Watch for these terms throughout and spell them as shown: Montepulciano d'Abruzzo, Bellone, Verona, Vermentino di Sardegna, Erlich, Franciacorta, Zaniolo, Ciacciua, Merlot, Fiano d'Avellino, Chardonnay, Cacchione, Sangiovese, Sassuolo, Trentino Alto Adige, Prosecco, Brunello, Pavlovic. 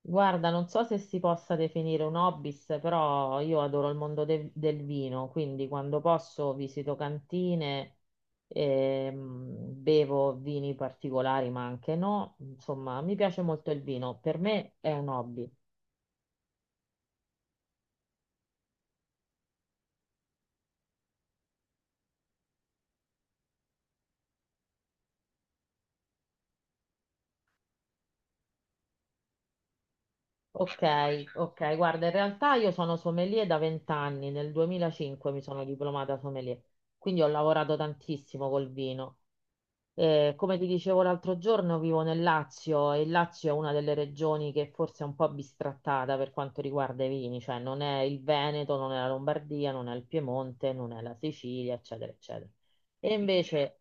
Guarda, non so se si possa definire un hobby, però io adoro il mondo del vino, quindi quando posso visito cantine, ehm, bevo vini particolari, ma anche no. Insomma, mi piace molto il vino, per me è un hobby. Ok, ok, guarda, in realtà io sono sommelier da vent'anni, nel 2005 mi sono diplomata sommelier, quindi ho lavorato tantissimo col vino. Come ti dicevo l'altro giorno, vivo nel Lazio e il Lazio è una delle regioni che forse è un po' bistrattata per quanto riguarda i vini, cioè non è il Veneto, non è la Lombardia, non è il Piemonte, non è la Sicilia, eccetera, eccetera. E invece,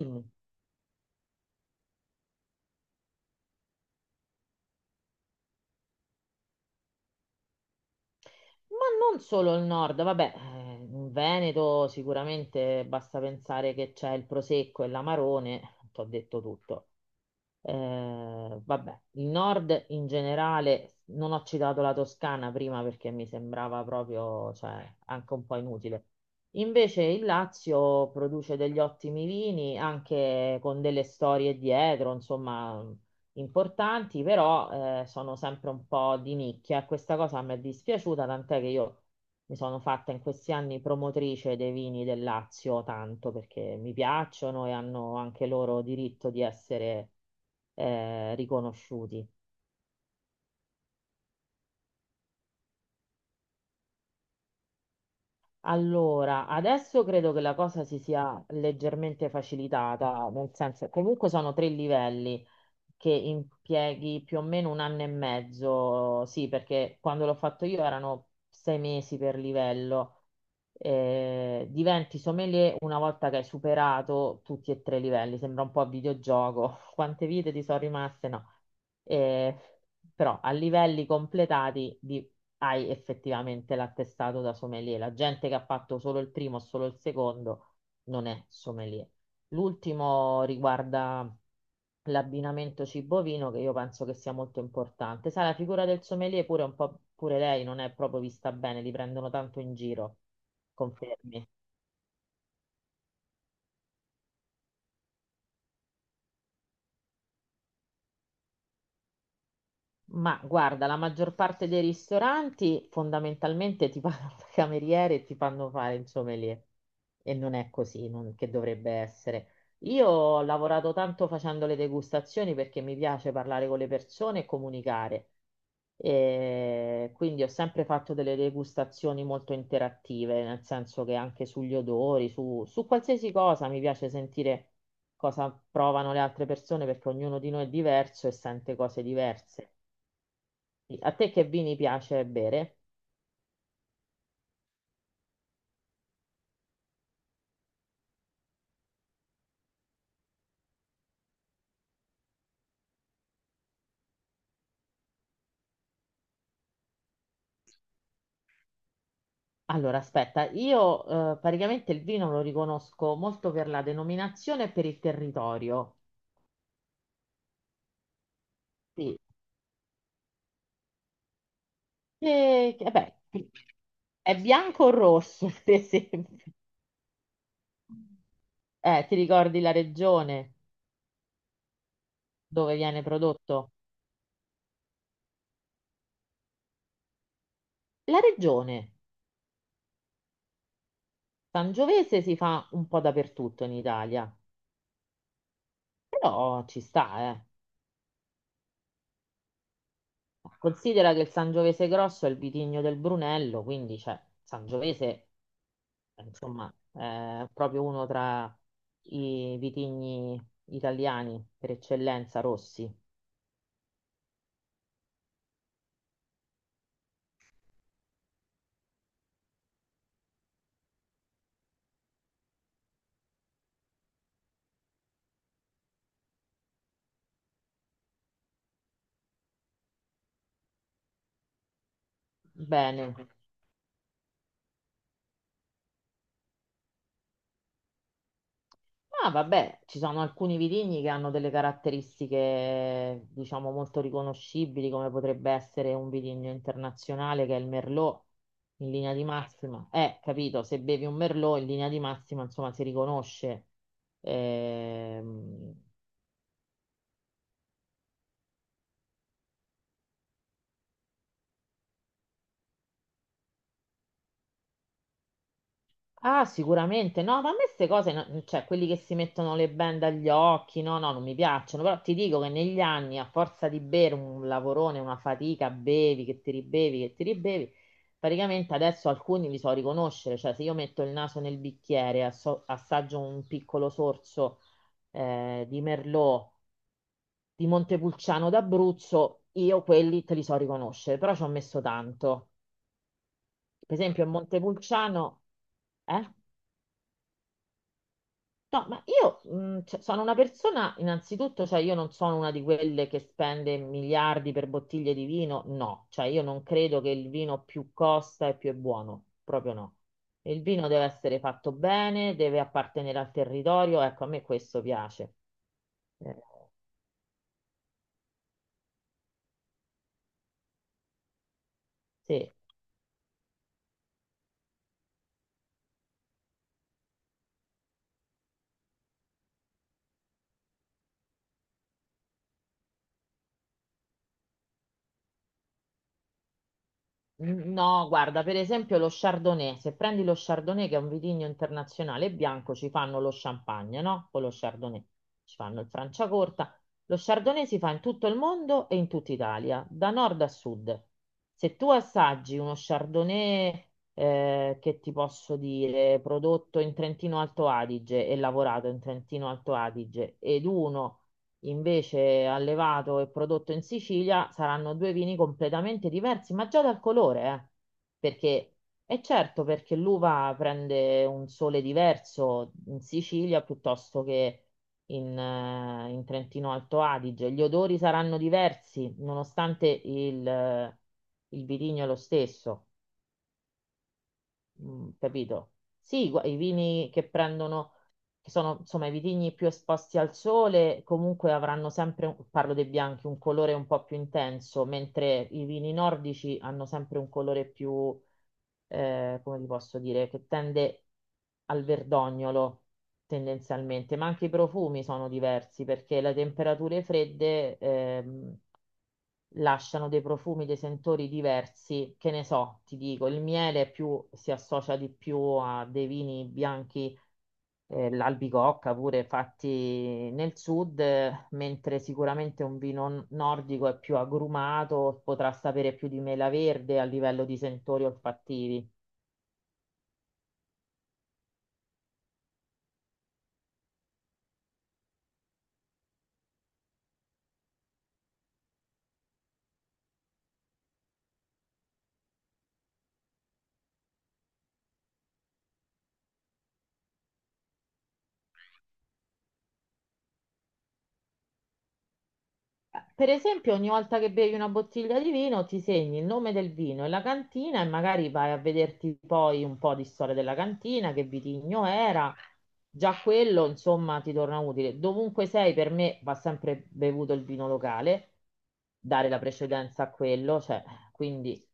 mm, ma non solo il nord, vabbè, in Veneto sicuramente basta pensare che c'è il Prosecco e l'Amarone, ti ho detto tutto. Vabbè, il nord in generale, non ho citato la Toscana prima perché mi sembrava proprio, cioè, anche un po' inutile. Invece il Lazio produce degli ottimi vini, anche con delle storie dietro, insomma, importanti, però sono sempre un po' di nicchia. E Questa cosa mi è dispiaciuta, tant'è che io mi sono fatta in questi anni promotrice dei vini del Lazio tanto perché mi piacciono e hanno anche loro diritto di essere riconosciuti. Allora, adesso credo che la cosa si sia leggermente facilitata, nel senso, comunque sono tre livelli che impieghi più o meno un anno e mezzo, sì, perché quando l'ho fatto io erano sei mesi per livello. Diventi sommelier una volta che hai superato tutti e tre i livelli, sembra un po' a videogioco. Quante vite ti sono rimaste? No. Eh, Però a livelli completati hai effettivamente l'attestato da sommelier. La gente che ha fatto solo il primo o solo il secondo non è sommelier. L'ultimo riguarda l'abbinamento cibo-vino, che io penso che sia molto importante. Sai, la figura del sommelier pure un po', pure lei non è proprio vista bene, li prendono tanto in giro, confermi. Ma guarda, la maggior parte dei ristoranti fondamentalmente ti pagano da cameriere e ti fanno fare il sommelier. E non è così, che dovrebbe essere. Io ho lavorato tanto facendo le degustazioni perché mi piace parlare con le persone e comunicare. E quindi ho sempre fatto delle degustazioni molto interattive, nel senso che anche sugli odori, su qualsiasi cosa mi piace sentire cosa provano le altre persone perché ognuno di noi è diverso e sente cose diverse. Sì, a te che vini piace bere? Allora, aspetta, io praticamente il vino lo riconosco molto per la denominazione e per il territorio. Sì. E beh, è bianco o rosso, ad esempio? Ti ricordi la regione dove viene prodotto? La regione Sangiovese si fa un po' dappertutto in Italia, però ci sta, eh. Considera che il Sangiovese grosso è il vitigno del Brunello, quindi cioè, Sangiovese insomma, proprio uno tra i vitigni italiani per eccellenza, rossi. Bene. Ma vabbè, ci sono alcuni vitigni che hanno delle caratteristiche, diciamo, molto riconoscibili, come potrebbe essere un vitigno internazionale che è il Merlot, in linea di massima. Capito, se bevi un Merlot in linea di massima, insomma, si riconosce. Ehm, Ah, sicuramente. No, ma a me queste cose, cioè quelli che si mettono le bende agli occhi, no, no, non mi piacciono, però ti dico che negli anni, a forza di bere un lavorone, una fatica, bevi, che ti ribevi, praticamente adesso alcuni li so riconoscere, cioè se io metto il naso nel bicchiere, assaggio un piccolo sorso di Merlot, di Montepulciano d'Abruzzo, io quelli te li so riconoscere, però ci ho messo tanto. Per esempio, il Montepulciano. Eh? No, ma io cioè, sono una persona, innanzitutto, cioè io non sono una di quelle che spende miliardi per bottiglie di vino, no, cioè io non credo che il vino più costa e più è buono, proprio no. Il vino deve essere fatto bene, deve appartenere al territorio, ecco, a me questo piace. Eh, sì. Mm, no, guarda, per esempio lo Chardonnay, se prendi lo Chardonnay che è un vitigno internazionale bianco, ci fanno lo champagne, no? Con lo Chardonnay. Ci fanno il Franciacorta. Lo Chardonnay si fa in tutto il mondo e in tutta Italia, da nord a sud. Se tu assaggi uno Chardonnay, che ti posso dire, prodotto in Trentino Alto Adige e lavorato in Trentino Alto Adige, ed uno invece allevato e prodotto in Sicilia saranno due vini completamente diversi, ma già dal colore, eh. Perché è certo perché l'uva prende un sole diverso in Sicilia piuttosto che in Trentino Alto Adige. Gli odori saranno diversi, nonostante il vitigno è lo stesso. Mm, capito? Sì, i vini che prendono, che sono insomma i vitigni più esposti al sole, comunque avranno sempre, parlo dei bianchi, un colore un po' più intenso, mentre i vini nordici hanno sempre un colore più, come vi posso dire, che tende al verdognolo tendenzialmente, ma anche i profumi sono diversi perché le temperature fredde, lasciano dei profumi, dei sentori diversi, che ne so, ti dico, il miele più, si associa di più a dei vini bianchi, l'albicocca pure fatti nel sud, mentre sicuramente un vino nordico è più agrumato, potrà sapere più di mela verde a livello di sentori olfattivi. Per esempio, ogni volta che bevi una bottiglia di vino, ti segni il nome del vino e la cantina e magari vai a vederti poi un po' di storia della cantina, che vitigno era. Già quello, insomma, ti torna utile. Dovunque sei, per me va sempre bevuto il vino locale, dare la precedenza a quello, cioè, quindi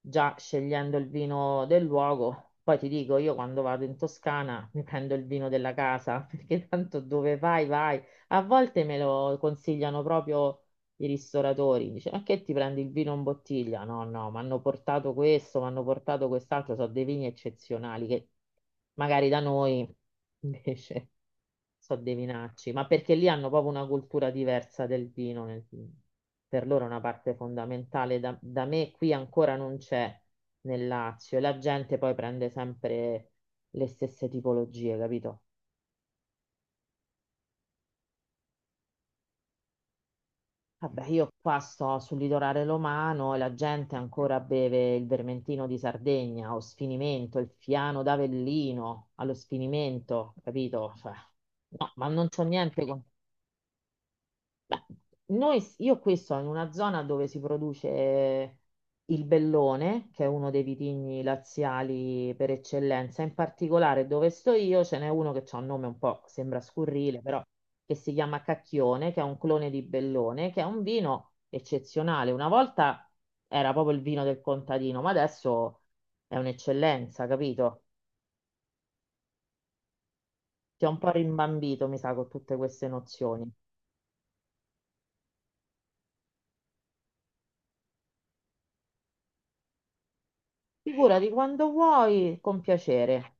già scegliendo il vino del luogo. Poi ti dico, io quando vado in Toscana mi prendo il vino della casa, perché tanto dove vai, vai. A volte me lo consigliano proprio i ristoratori, dice, ma che ti prendi il vino in bottiglia? No, no, mi hanno portato questo, mi hanno portato quest'altro, sono dei vini eccezionali che magari da noi invece sono dei vinacci, ma perché lì hanno proprio una cultura diversa del vino, per loro è una parte fondamentale, da me qui ancora non c'è nel Lazio e la gente poi prende sempre le stesse tipologie, capito? Vabbè, io qua sto sul litorale romano e la gente ancora beve il vermentino di Sardegna, o sfinimento, il fiano d'Avellino allo sfinimento, capito? Cioè, no, ma non c'ho niente con... Beh, io qui sono in una zona dove si produce il bellone, che è uno dei vitigni laziali per eccellenza. In particolare dove sto io ce n'è uno che ha un nome un po', sembra scurrile, però che si chiama Cacchione, che è un clone di bellone, che è un vino eccezionale. Una volta era proprio il vino del contadino, ma adesso è un'eccellenza, capito? Ti ho un po' rimbambito, mi sa, con tutte queste nozioni. Figurati quando vuoi, con piacere.